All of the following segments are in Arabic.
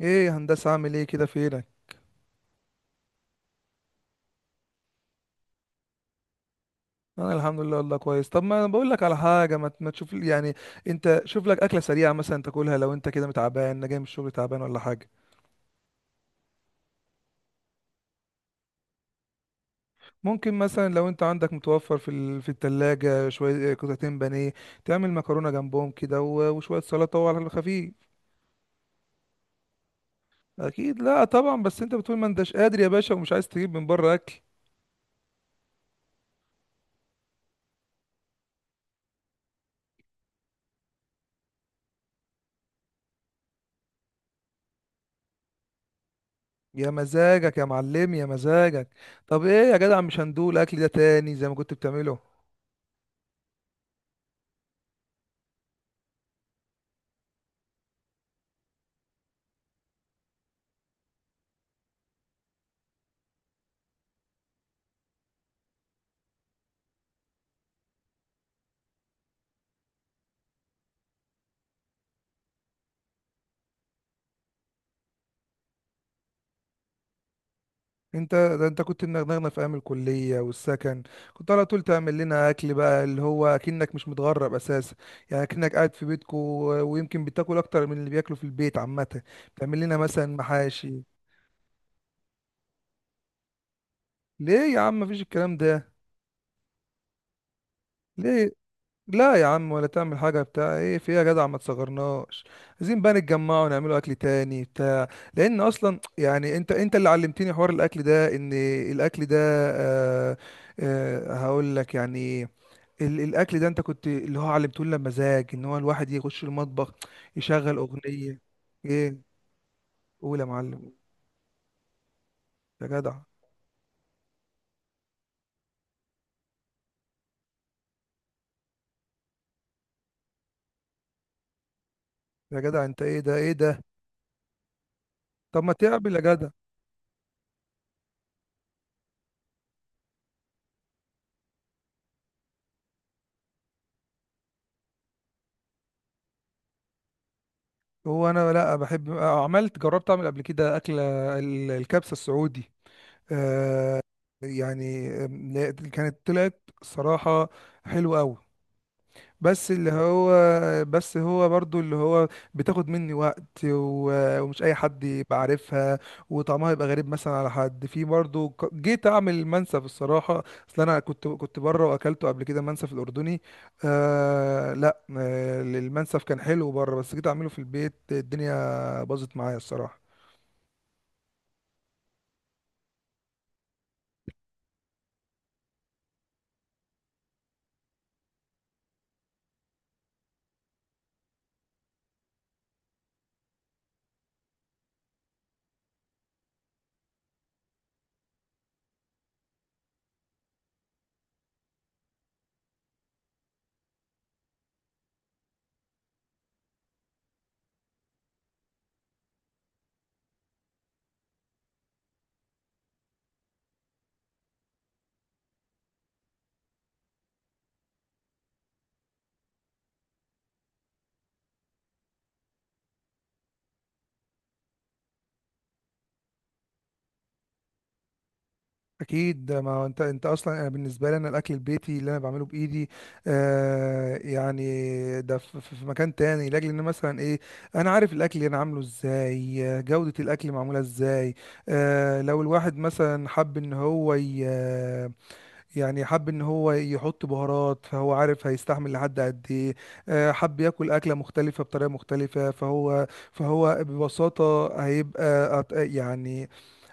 ايه يا هندسه، عامل ايه كده؟ فينك؟ انا الحمد لله والله كويس. طب ما انا بقول لك على حاجه، ما تشوف لي- يعني انت شوف لك اكله سريعه مثلا تاكلها، لو انت كده متعبان. أنا جاي من الشغل تعبان ولا حاجه. ممكن مثلا لو انت عندك متوفر في التلاجة شويه، قطعتين بانيه تعمل مكرونه جنبهم كده وشويه سلطه، وعلى الخفيف. اكيد لا طبعا، بس انت بتقول ما انتش قادر يا باشا، ومش عايز تجيب من بره اكل. يا مزاجك يا معلم، يا مزاجك. طب ايه يا جدع، مش هندول الاكل ده تاني زي ما كنت بتعمله؟ انت ده انت كنت منغنغنا في ايام الكليه والسكن، كنت على طول تعمل لنا اكل بقى، اللي هو اكنك مش متغرب اساسا. يعني اكنك قاعد في بيتكو، ويمكن بتاكل اكتر من اللي بياكلوا في البيت عامه. بتعمل لنا مثلا محاشي. ليه يا عم مفيش الكلام ده؟ ليه؟ لا يا عم، ولا تعمل حاجه بتاع ايه في ايه يا جدع، ما تصغرناش. عايزين بقى نتجمع ونعملوا اكل تاني بتاع، لان اصلا يعني انت اللي علمتني حوار الاكل ده، ان الاكل ده، آه. آه، هقول لك يعني، الاكل ده انت كنت اللي هو علمته لنا مزاج، ان هو الواحد يخش المطبخ يشغل اغنيه. ايه؟ قول يا معلم. يا جدع، يا جدع، انت ايه ده؟ ايه ده؟ طب ما تعمل يا جدع. هو انا لا، بحب، عملت، جربت اعمل قبل كده اكله، الكبسه السعودي، آه يعني. لا، كانت طلعت صراحه حلوه قوي. بس اللي هو، بس هو برضو اللي هو بتاخد مني وقت ومش اي حد يبقى عارفها، وطعمها يبقى غريب مثلا على حد. في برضو جيت اعمل منسف الصراحه، اصل انا كنت بره واكلته قبل كده، منسف الاردني. آه لا، آه المنسف كان حلو بره، بس جيت اعمله في البيت الدنيا باظت معايا الصراحه. اكيد، ما هو انت اصلا. انا بالنسبه لي، انا الاكل البيتي اللي انا بعمله بايدي، آه يعني، ده في مكان تاني، لاجل ان مثلا ايه، انا عارف الاكل اللي انا عامله ازاي، جوده الاكل معموله ازاي. آه لو الواحد مثلا حب ان هو يعني حب ان هو يحط بهارات، فهو عارف هيستحمل لحد قد ايه. آه، حب ياكل اكله مختلفه بطريقه مختلفه، فهو ببساطه هيبقى يعني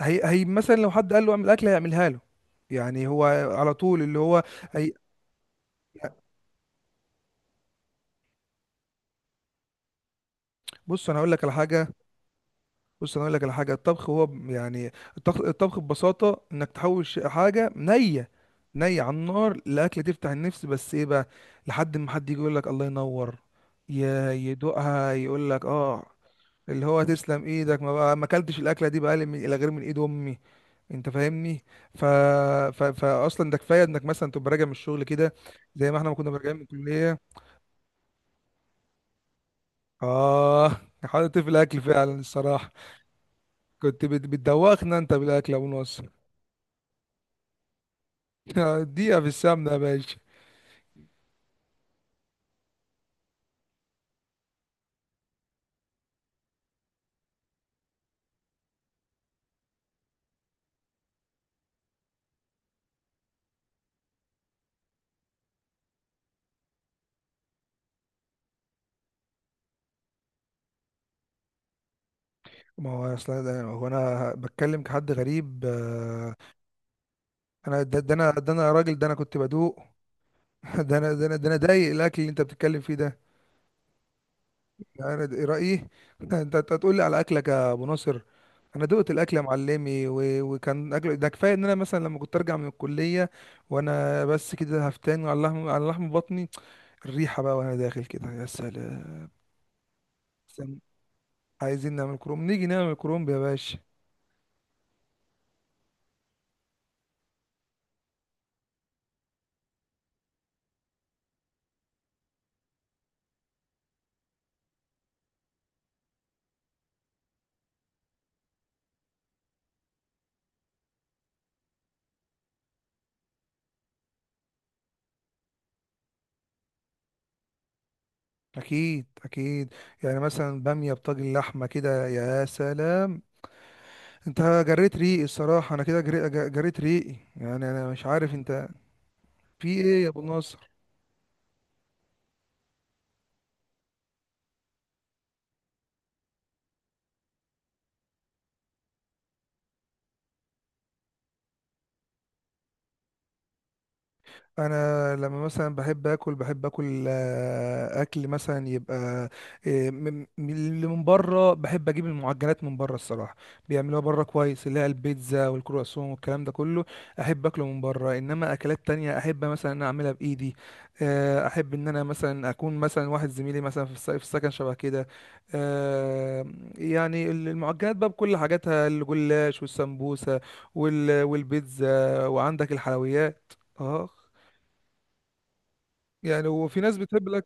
هي مثلا لو حد قال له اعمل اكل هيعملها له. يعني هو على طول اللي هو هي. بص انا اقول لك على حاجه. بص انا اقول لك على حاجه، الطبخ هو يعني الطبخ ببساطه انك تحول حاجه نيه، نيه على النار، لاكله تفتح النفس. بس ايه بقى؟ لحد ما حد يجي يقول لك الله ينور، ي- يدوقها يقول لك اه، اللي هو تسلم ايدك، ما بقى ما اكلتش الاكله دي بقى من الى غير من ايد امي. انت فاهمني. ف... فاصلا ده كفايه انك مثلا تبقى راجع من الشغل كده، زي ما احنا ما كنا راجعين من الكليه. اه، حاطط في الاكل فعلا الصراحه. بتدوخنا انت بالاكل يا ابو نصر. اديها في السمنه يا باشا. ما هو اصلا هو انا بتكلم كحد غريب. آه، انا ده انا راجل، ده انا كنت بدوق. ده انا ده انا ده انا ضايق الاكل اللي انت بتتكلم فيه ده. يعني ده رأيي. انت انت هتقول لي على اكلك يا ابو ناصر؟ انا دقت الاكل يا معلمي، وكان اكل ده كفايه ان انا مثلا لما كنت ارجع من الكليه، وانا بس كده هفتان، على لحم، على لحم بطني، الريحه بقى وانا داخل كده، يا سلام. سلام. عايزين نعمل كروم، نيجي نعمل كرومب يا باشا. اكيد، اكيد. يعني مثلا باميه بطاجن لحمه كده، يا سلام. انت جريت ريقي الصراحه، انا كده جريت ريقي، يعني انا مش عارف انت في ايه يا ابو ناصر. انا لما مثلا بحب اكل، بحب اكل، آه، اكل مثلا يبقى، آه، من اللي من بره، بحب اجيب المعجنات من بره الصراحه، بيعملوها بره كويس، اللي هي البيتزا والكرواسون والكلام ده كله. احب اكله من بره، انما اكلات تانية احب مثلا ان أنا اعملها بايدي. آه، احب ان انا مثلا اكون مثلا واحد زميلي، مثلا في السكن شبه كده، آه، يعني المعجنات بقى بكل حاجاتها، الجلاش والسمبوسه والبيتزا، وعندك الحلويات، اه. يعني وفي ناس بتحب لك.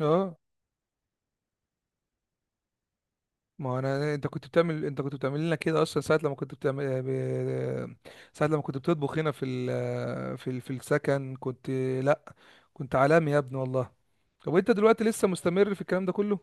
اه، ما هو انا، انت كنت بتعمل لنا كده اصلا، ساعه لما كنت ساعه لما كنت بتطبخ هنا في السكن، كنت، لا، كنت عالمي يا ابني والله. طب وانت دلوقتي لسه مستمر في الكلام ده كله؟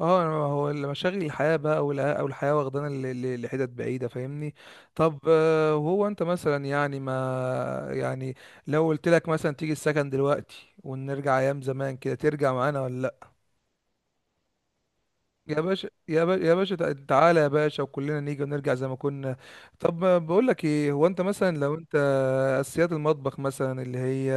اه، هو مشاغل الحياه بقى والع- او الحياه واخدانا لحتت بعيده، فاهمني. طب آه، وهو انت مثلا يعني ما، يعني لو قلت لك مثلا تيجي السكن دلوقتي، ونرجع ايام زمان كده، ترجع معانا ولا؟ يا باشا، يا باشا، يا باشا، تعالى يا باشا، وكلنا نيجي ونرجع زي ما كنا. طب ما بقول لك ايه، هو انت مثلا لو انت اساسيات المطبخ مثلا اللي هي،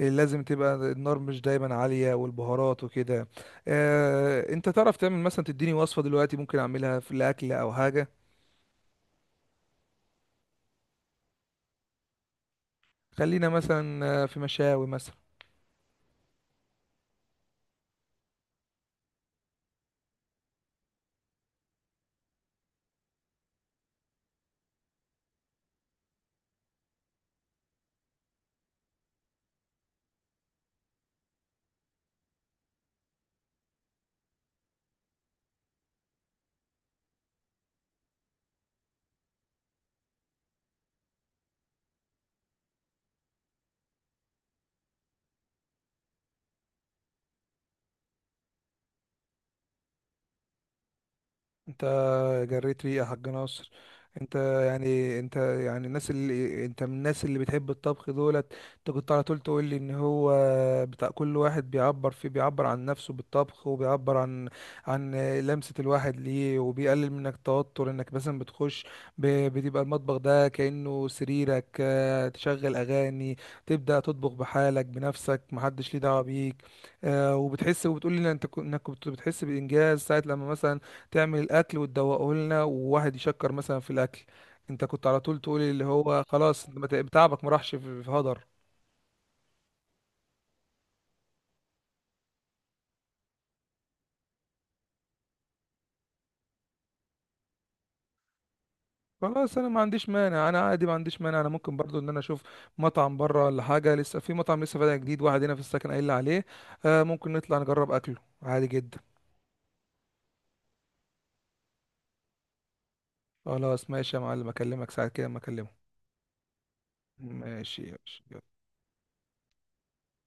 اللي لازم تبقى النار مش دايما عالية، والبهارات وكده، اه انت تعرف تعمل مثلا، تديني وصفة دلوقتي ممكن اعملها في الاكل او حاجة؟ خلينا مثلا آه، في مشاوي مثلا. انت جريت ريقة يا حاج ناصر. انت يعني، انت يعني الناس اللي انت من الناس اللي بتحب الطبخ دولت، انت كنت على طول تقول لي ان هو بتاع، كل واحد بيعبر فيه، بيعبر عن نفسه بالطبخ، وبيعبر عن، عن لمسة الواحد ليه، وبيقلل منك التوتر، انك مثلا بتخش ب- بتبقى المطبخ ده كأنه سريرك، اه، تشغل اغاني، تبدأ تطبخ بحالك بنفسك، محدش ليه دعوة بيك. اه، وبتحس، وبتقول لي انت انك كنت بتحس بإنجاز ساعة لما مثلا تعمل الاكل وتدوقه لنا، وواحد يشكر مثلا في الاكل، انت كنت على طول تقول اللي هو خلاص، ما ت- تعبك ما راحش في، في هدر. خلاص، انا ما عنديش مانع، انا عادي ما عنديش مانع، انا ممكن برضو ان انا اشوف مطعم بره ولا حاجه، لسه في مطعم لسه فاتح جديد واحد هنا في السكن قايل لي عليه، آه ممكن نطلع نجرب اكله، عادي جدا. خلاص ماشي يا معلم، اكلمك ساعه كده ما اكلمه. ماشي، ماشي.